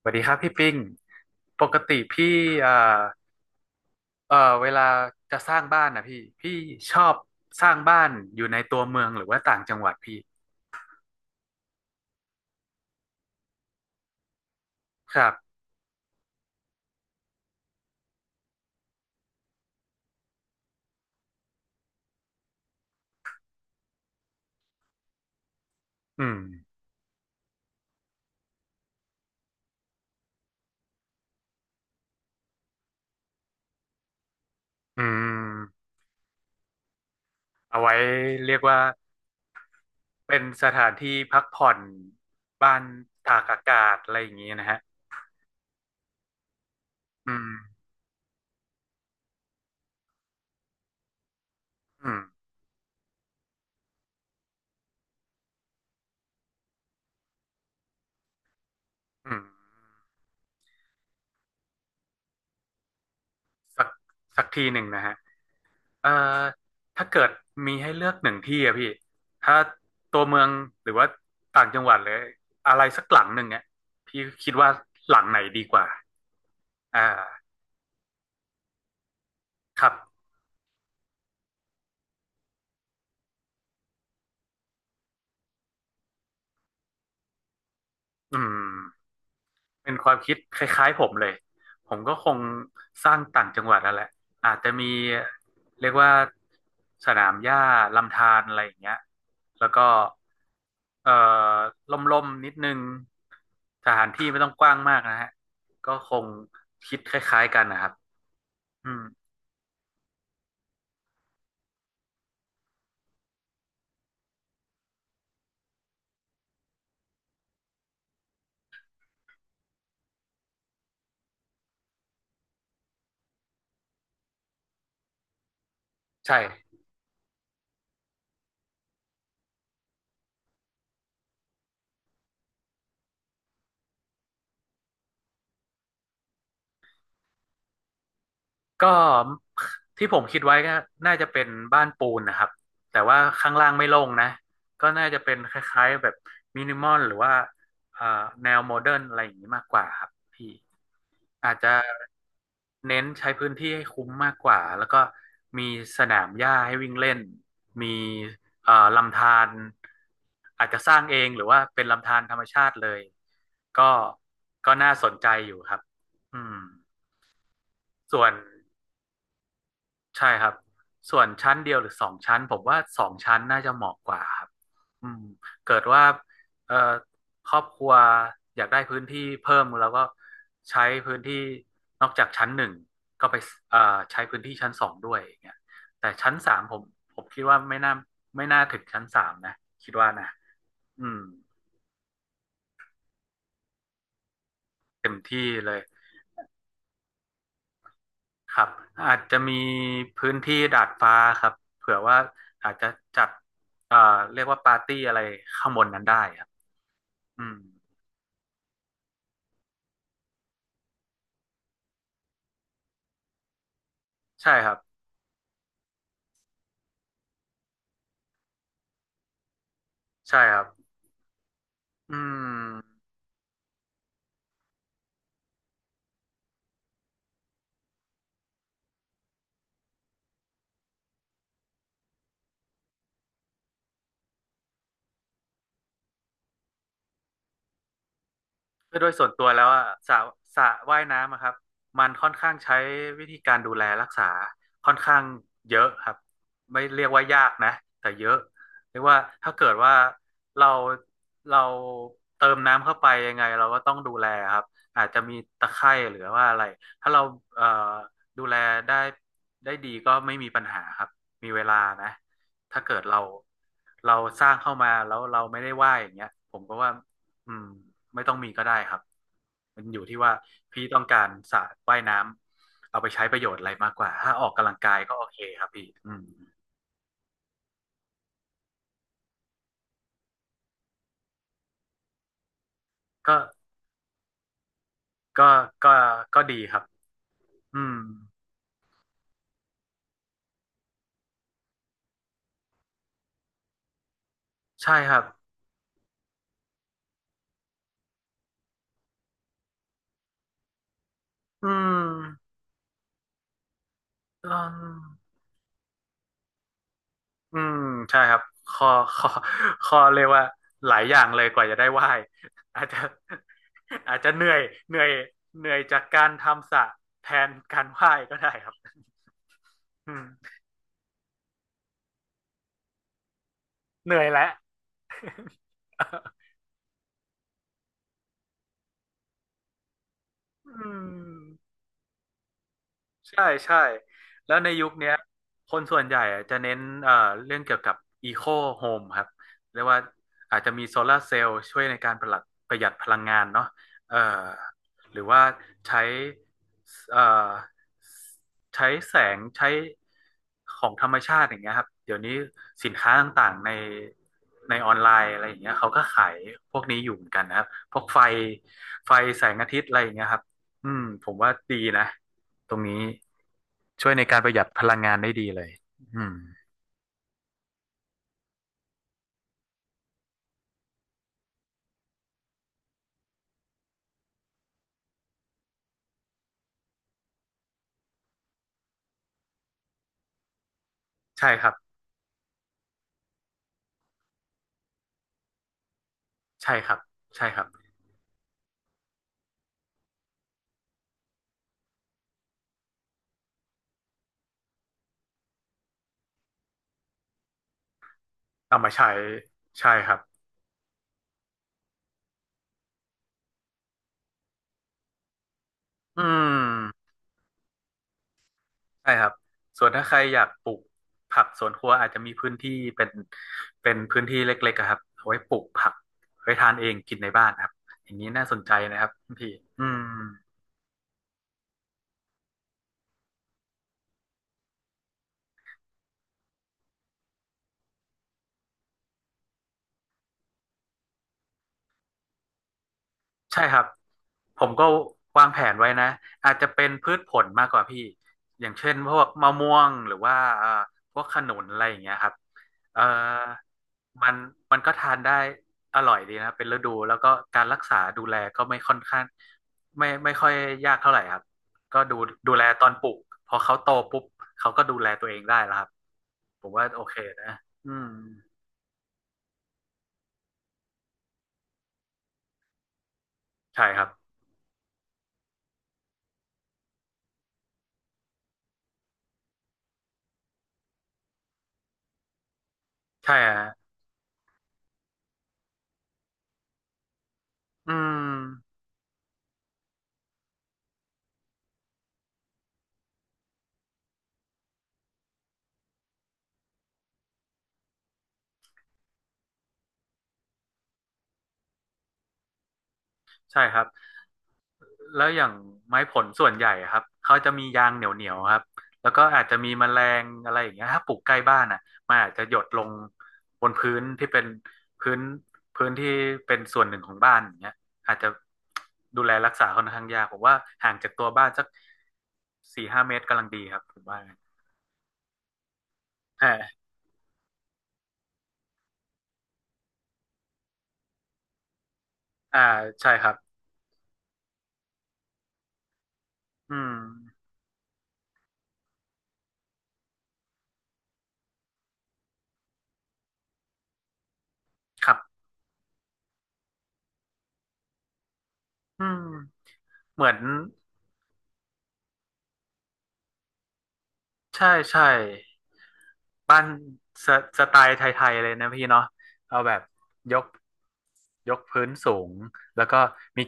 สวัสดีครับพี่ปิ้งปกติพี่เอ่อเอ่อเวลาจะสร้างบ้านนะพี่ชอบสร้างบ้านอยู่ในตัวเมืองหรือว่าต่างจังหวัดพี่ครับอืมอืมเอาไว้เรียกว่าเป็นสถานที่พักผ่อนบ้านตากอากาศอะไรอย่างนี้นะฮะอืมอืมอืมสักสักทีหนึ่งนะฮะ อ่าถ้าเกิดมีให้เลือกหนึ่งที่อะพี่ถ้าตัวเมืองหรือว่าต่างจังหวัดเลยอะไรสักหลังหนึ่งเนี่ยพี่คิดว่าหลังไหนดีกว่าอ่าครับอืม เป็นความคิดคล้ายๆผมเลย ผมก็คงสร้างต่างจังหวัดนั่นแหละอาจจะมีเรียกว่าสนามหญ้าลำธารอะไรอย่างเงี้ยแล้วก็เอ่อล่มๆนิดนึงสถานที่ไม่ต้องกว้างมากนะฮะก็คงคิดคล้ายๆกันนะครับอืมใช่ ก็ที่ผมคิดไว้ก็น่าจะเป็นบ้านปูนนะครับแต่ว่าข้างล่างไม่โล่งนะก็น่าจะเป็นคล้ายๆแบบมินิมอลหรือว่าเอ่อแนวโมเดิร์นอะไรอย่างนี้มากกว่าครับพี่อาจจะเน้นใช้พื้นที่ให้คุ้มมากกว่าแล้วก็มีสนามหญ้าให้วิ่งเล่นมีลำธารอาจจะสร้างเองหรือว่าเป็นลำธารธรรมชาติเลยก็ก็น่าสนใจอยู่ครับอืมส่วน ใช่ครับส่วนชั้นเดียวหรือสองชั้นผมว่าสองชั้นน่าจะเหมาะกว่าครับอืมเกิดว่าเอ่อครอบครัวอยากได้พื้นที่เพิ่มแล้วก็ใช้พื้นที่นอกจากชั้นหนึ่งก็ไปเอ่อใช้พื้นที่ชั้นสองด้วยอย่างเงี้ยแต่ชั้นสามผมคิดว่าไม่น่าถึงชั้นสามนะคิดว่านะอืมเต็มที่เลย ครับอาจจะมีพื้นที่ดาดฟ้าครับเผื่อว่าอาจจะจัดเอ่อเรียกว่าปาร์ตี้อะไรข้างบนนั้นได้ครับอืมใช่ครับใช่ครับอืม คือโดยส่วนตัวแล้วอะสระว่ายน้ำอะครับมันค่อนข้างใช้วิธีการดูแลรักษาค่อนข้างเยอะครับไม่เรียกว่ายากนะแต่เยอะเรียกว่าถ้าเกิดว่าเราเราเติมน้ำเข้าไปยังไงเราก็ต้องดูแลครับอาจจะมีตะไคร่หรือว่าอะไรถ้าเราเอ่อดูแลได้ได้ดีก็ไม่มีปัญหาครับมีเวลานะถ้าเกิดเราสร้างเข้ามาแล้วเราไม่ได้ว่ายอย่างเงี้ยผมก็ว่า อืมไม่ต้องมีก็ได้ครับมันอยู่ที่ว่าพี่ต้องการสระว่ายน้ำเอาไปใช้ประโยชน์อะไรมากกว่า ถ้าออกกำลังกายก็โอเคครับพี่อืมก็ก็ก็ก็ดีครับอืมใช่ครับอืมอืมอืมใช่ครับข้อข้อข้อเรียกว่าหลายอย่างเลยกว่าจะได้ไหว่ายอาจจะอาจจะเหนื่อยเหนื่อยเหนื่อยจากการทำสระแทนการไหว่ายก็ได้ครับอืมเหนื่อยแล้ว อืม ใช่ใช่แล้วในยุคเนี้ยคนส่วนใหญ่อะจะเน้นเรื่องเกี่ยวกับอีโคโฮมครับเรียกว่าอาจจะมีโซลาร์เซลล์ช่วยในการประหยัดพลังงานเนาะเอ่อหรือว่าใช้เอ่อใช้แสงใช้ของธรรมชาติอย่างเงี้ยครับเดี๋ยวนี้สินค้าต่างๆในออนไลน์อะไรอย่างเงี้ยเขาก็ขายพวกนี้อยู่เหมือนกันนะครับพวกไฟแสงอาทิตย์อะไรอย่างเงี้ยครับอืมผมว่าดีนะ ตรงนี้ช่วยในการประหยัดพลังงานได้ดีเลยอืมใช่ครับใช่ครับ ใช่ครับ เอามาใช้ใช่ครับอืมใช่ครับ ส่วนถ้าใครอยากปลูกผักสวนครัวอาจจะมีพื้นที่เป็นเป็นพื้นที่เล็กๆอะครับเอาไว้ปลูกผักไว้ทานเองกินในบ้านครับอย่างนี้น่าสนใจนะครับคุณพี่อืม ใช่ครับผมก็วางแผนไว้นะอาจจะเป็นพืชผลมากกว่าพี่อย่างเช่นพวกมะม่วงหรือว่าพวกขนุนอะไรอย่างเงี้ยครับเอ่อมันมันก็ทานได้อร่อยดีนะเป็นฤดูแล้วก็การรักษาดูแลก็ไม่ค่อนข้างไม่ค่อยยากเท่าไหร่ครับก็ดูแลตอนปลูกพอเขาโตปุ๊บเขาก็ดูแลตัวเองได้แล้วครับผมว่าโอเคนะอืมใช่ครับใช่ฮะอืม ใช่ครับแล้วอย่างไม้ผลส่วนใหญ่อะครับเขาจะมียางเหนียวๆครับแล้วก็อาจจะมีแมลงอะไรอย่างเงี้ยถ้าปลูกใกล้บ้านอ่ะมันอาจจะหยดลงบนพื้นที่เป็นพื้นพื้นที่เป็นส่วนหนึ่งของบ้านอย่างเงี้ยอาจจะดูแลรักษาค่อนข้างยากผมว่าห่างจากตัวบ้านสักสี่ห้าเมตรกำลังดีครับผมว่าอ่าอ่าใช่ครับอืมครับอืมเหมือนใช่ใช่ บ้านสสไตล์ไทยๆเลยนะพี่เนาะเอาแบบยกยกพื้นสูงแล้วก็มี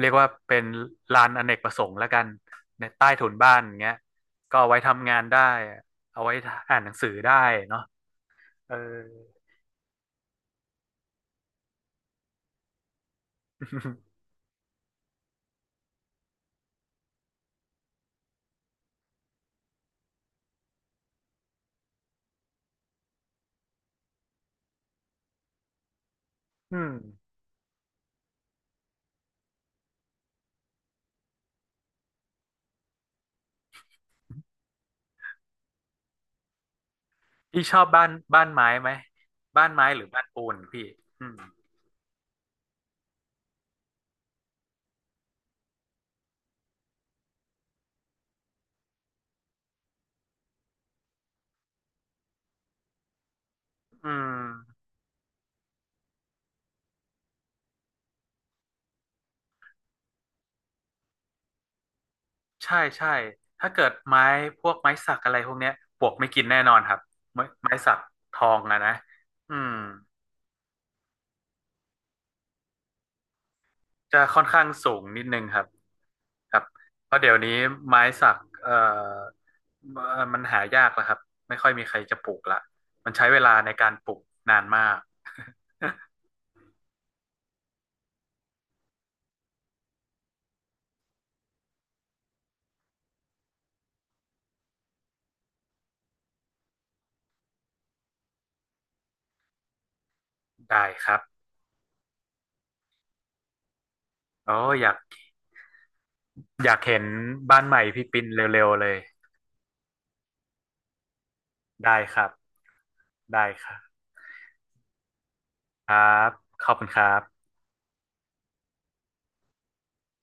เรียกว่าเป็นลานอเนกประสงค์แล้วกันในใต้ถุนบ้านอย่างเงี้ยก็เอาไว้ทำงานได้เอาไว้อ่านหนังสือได้เนาะเออ อืมพี่ชอบบ้านไม้ไหมบ้านไม้หรือบ้านปูนพี่อืมอืม ใช่ใช่ถ้าเกิดไม้พวกไม้สักอะไรพวกเนี้ยปลวกไม่กินแน่นอนครับไม้สักทองอะนะอืมจะค่อนข้างสูงนิดนึงครับครับเพราะเดี๋ยวนี้ไม้สักมันหายากแล้วครับไม่ค่อยมีใครจะปลูกละมันใช้เวลาในการปลูกนานมาก ได้ครับโอ้อยากอยากเห็นบ้านใหม่พี่ปินเร็วๆเลยได้ครับได้ครับครับขอบคุณครับ